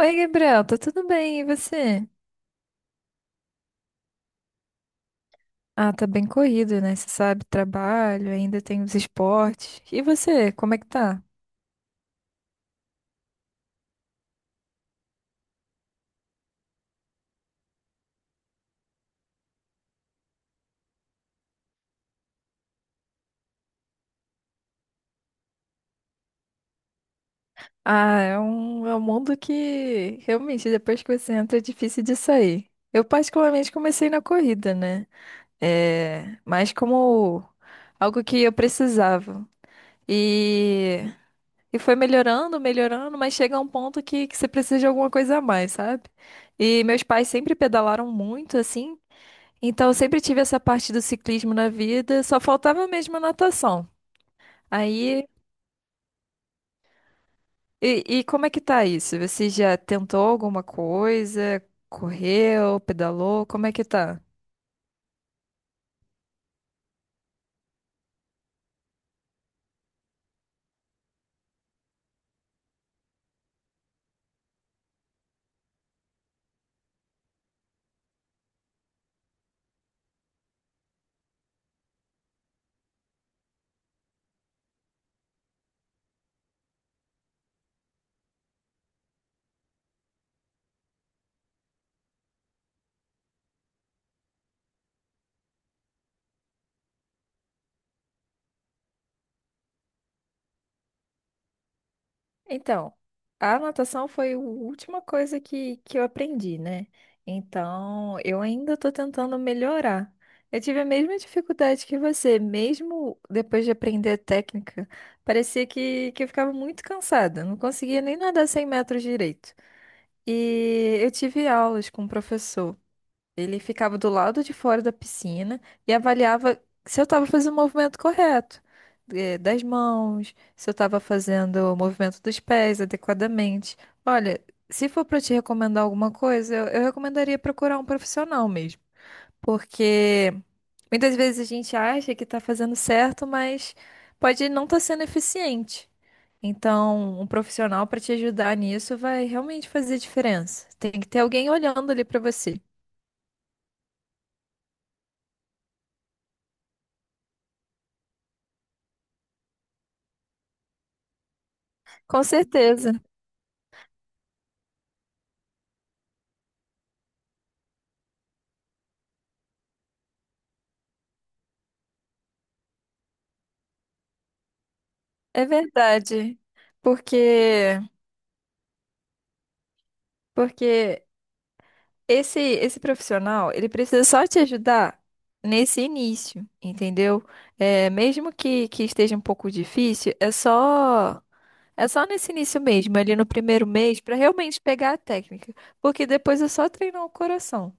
Oi, Gabriel, tá tudo bem? E você? Ah, tá bem corrido, né? Você sabe, trabalho, ainda tem os esportes. E você, como é que tá? Ah, é um mundo que realmente depois que você entra é difícil de sair. Eu particularmente comecei na corrida, né? É, mas como algo que eu precisava. E, e foi melhorando, melhorando, mas chega a um ponto que você precisa de alguma coisa a mais, sabe? E meus pais sempre pedalaram muito, assim. Então, eu sempre tive essa parte do ciclismo na vida, só faltava mesmo a natação. Aí, e como é que tá isso? Você já tentou alguma coisa? Correu, pedalou? Como é que tá? Então, a natação foi a última coisa que eu aprendi, né? Então, eu ainda estou tentando melhorar. Eu tive a mesma dificuldade que você, mesmo depois de aprender a técnica, parecia que eu ficava muito cansada, não conseguia nem nadar 100 metros direito. E eu tive aulas com um professor. Ele ficava do lado de fora da piscina e avaliava se eu estava fazendo o movimento correto, das mãos, se eu estava fazendo o movimento dos pés adequadamente. Olha, se for para te recomendar alguma coisa, eu recomendaria procurar um profissional mesmo, porque muitas vezes a gente acha que está fazendo certo, mas pode não estar sendo eficiente. Então, um profissional para te ajudar nisso vai realmente fazer diferença. Tem que ter alguém olhando ali para você. Com certeza, é verdade. Porque porque esse profissional, ele precisa só te ajudar nesse início, entendeu? É, mesmo que esteja um pouco difícil, é só nesse início mesmo, ali no primeiro mês, para realmente pegar a técnica, porque depois é só treinar o coração.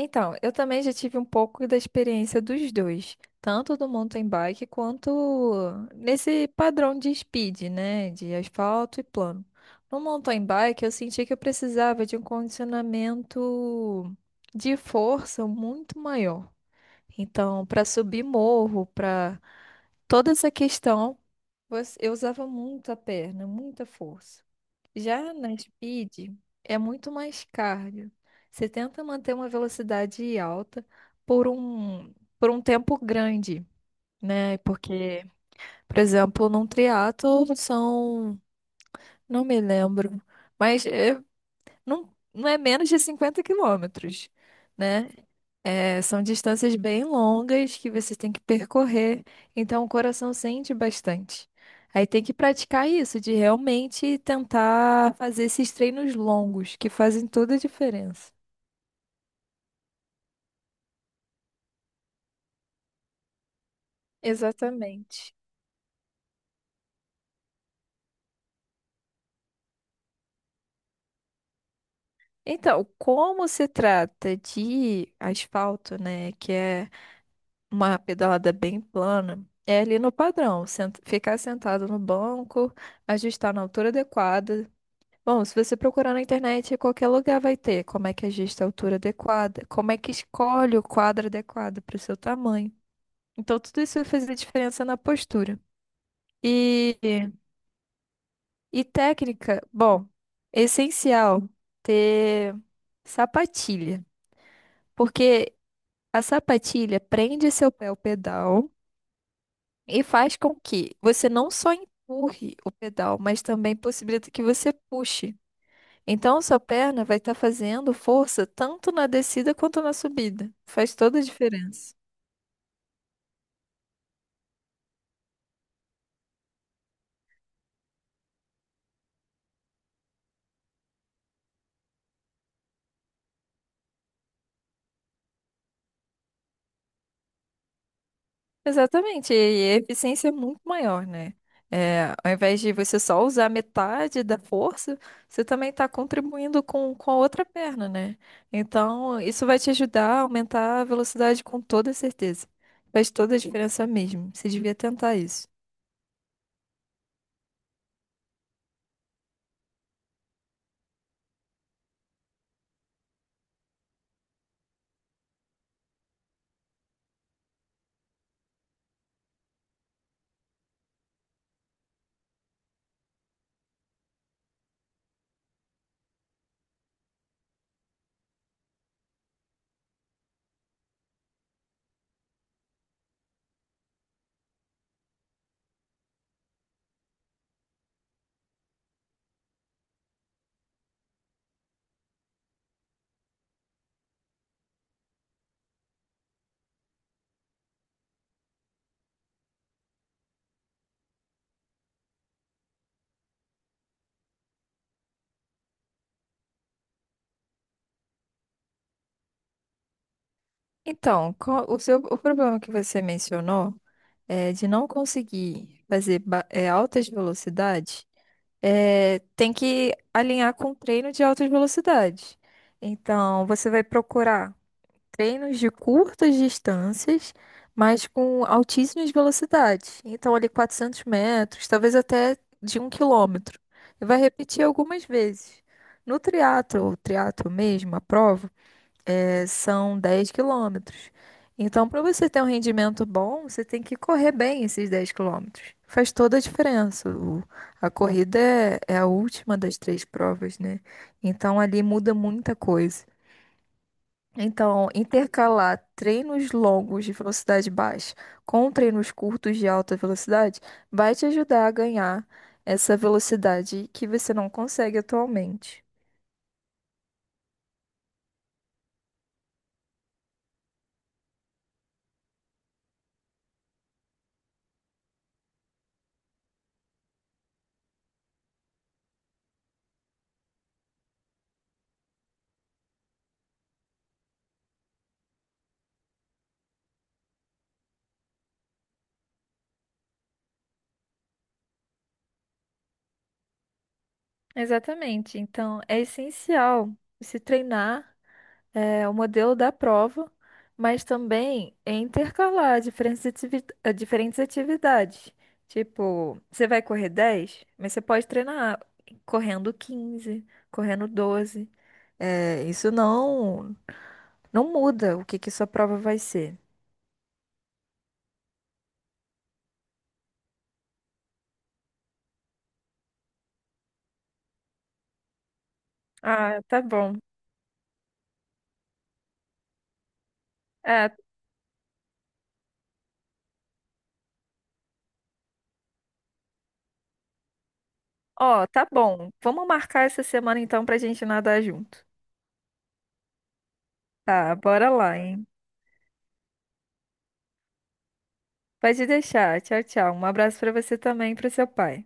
Então, eu também já tive um pouco da experiência dos dois, tanto do mountain bike quanto nesse padrão de speed, né, de asfalto e plano. No mountain bike, eu senti que eu precisava de um condicionamento de força muito maior. Então, para subir morro, para toda essa questão. Eu usava muito a perna, muita força. Já na speed, é muito mais cardio. Você tenta manter uma velocidade alta por um, por um tempo grande, né? Porque, por exemplo, num triatlo são, não me lembro, mas é- não, não é menos de 50 quilômetros, né? É, são distâncias bem longas que você tem que percorrer, então o coração sente bastante. Aí tem que praticar isso, de realmente tentar fazer esses treinos longos, que fazem toda a diferença. Exatamente. Então, como se trata de asfalto, né, que é uma pedalada bem plana, é ali no padrão, ficar sentado no banco, ajustar na altura adequada, bom, se você procurar na internet, em qualquer lugar vai ter como é que ajusta a altura adequada, como é que escolhe o quadro adequado para o seu tamanho. Então, tudo isso vai fazer diferença na postura. E, e técnica, bom, é essencial ter sapatilha, porque a sapatilha prende seu pé ao pedal e faz com que você não só empurre o pedal, mas também possibilita que você puxe. Então, sua perna vai estar fazendo força tanto na descida quanto na subida. Faz toda a diferença. Exatamente, e a eficiência é muito maior, né? É, ao invés de você só usar metade da força, você também está contribuindo com a outra perna, né? Então, isso vai te ajudar a aumentar a velocidade com toda certeza. Faz toda a diferença mesmo. Você devia tentar isso. Então, o problema que você mencionou, de não conseguir fazer altas velocidades. Tem que alinhar com treino de altas velocidades. Então, você vai procurar treinos de curtas distâncias, mas com altíssimas velocidades. Então, ali 400 metros, talvez até de 1 quilômetro. E vai repetir algumas vezes. No triatlo, o triatlo mesmo, a prova, são 10 quilômetros. Então, para você ter um rendimento bom, você tem que correr bem esses 10 quilômetros. Faz toda a diferença. A corrida é a última das três provas, né? Então, ali muda muita coisa. Então, intercalar treinos longos de velocidade baixa com treinos curtos de alta velocidade vai te ajudar a ganhar essa velocidade que você não consegue atualmente. Exatamente. Então, é essencial se treinar, o modelo da prova, mas também é intercalar diferentes atividades. Tipo, você vai correr 10, mas você pode treinar correndo 15, correndo 12. É, isso não, não muda o que que sua prova vai ser. Ah, tá bom. É, ó, tá bom. Vamos marcar essa semana então pra gente nadar junto. Tá, bora lá, hein? Pode deixar. Tchau, tchau. Um abraço pra você também e pro seu pai.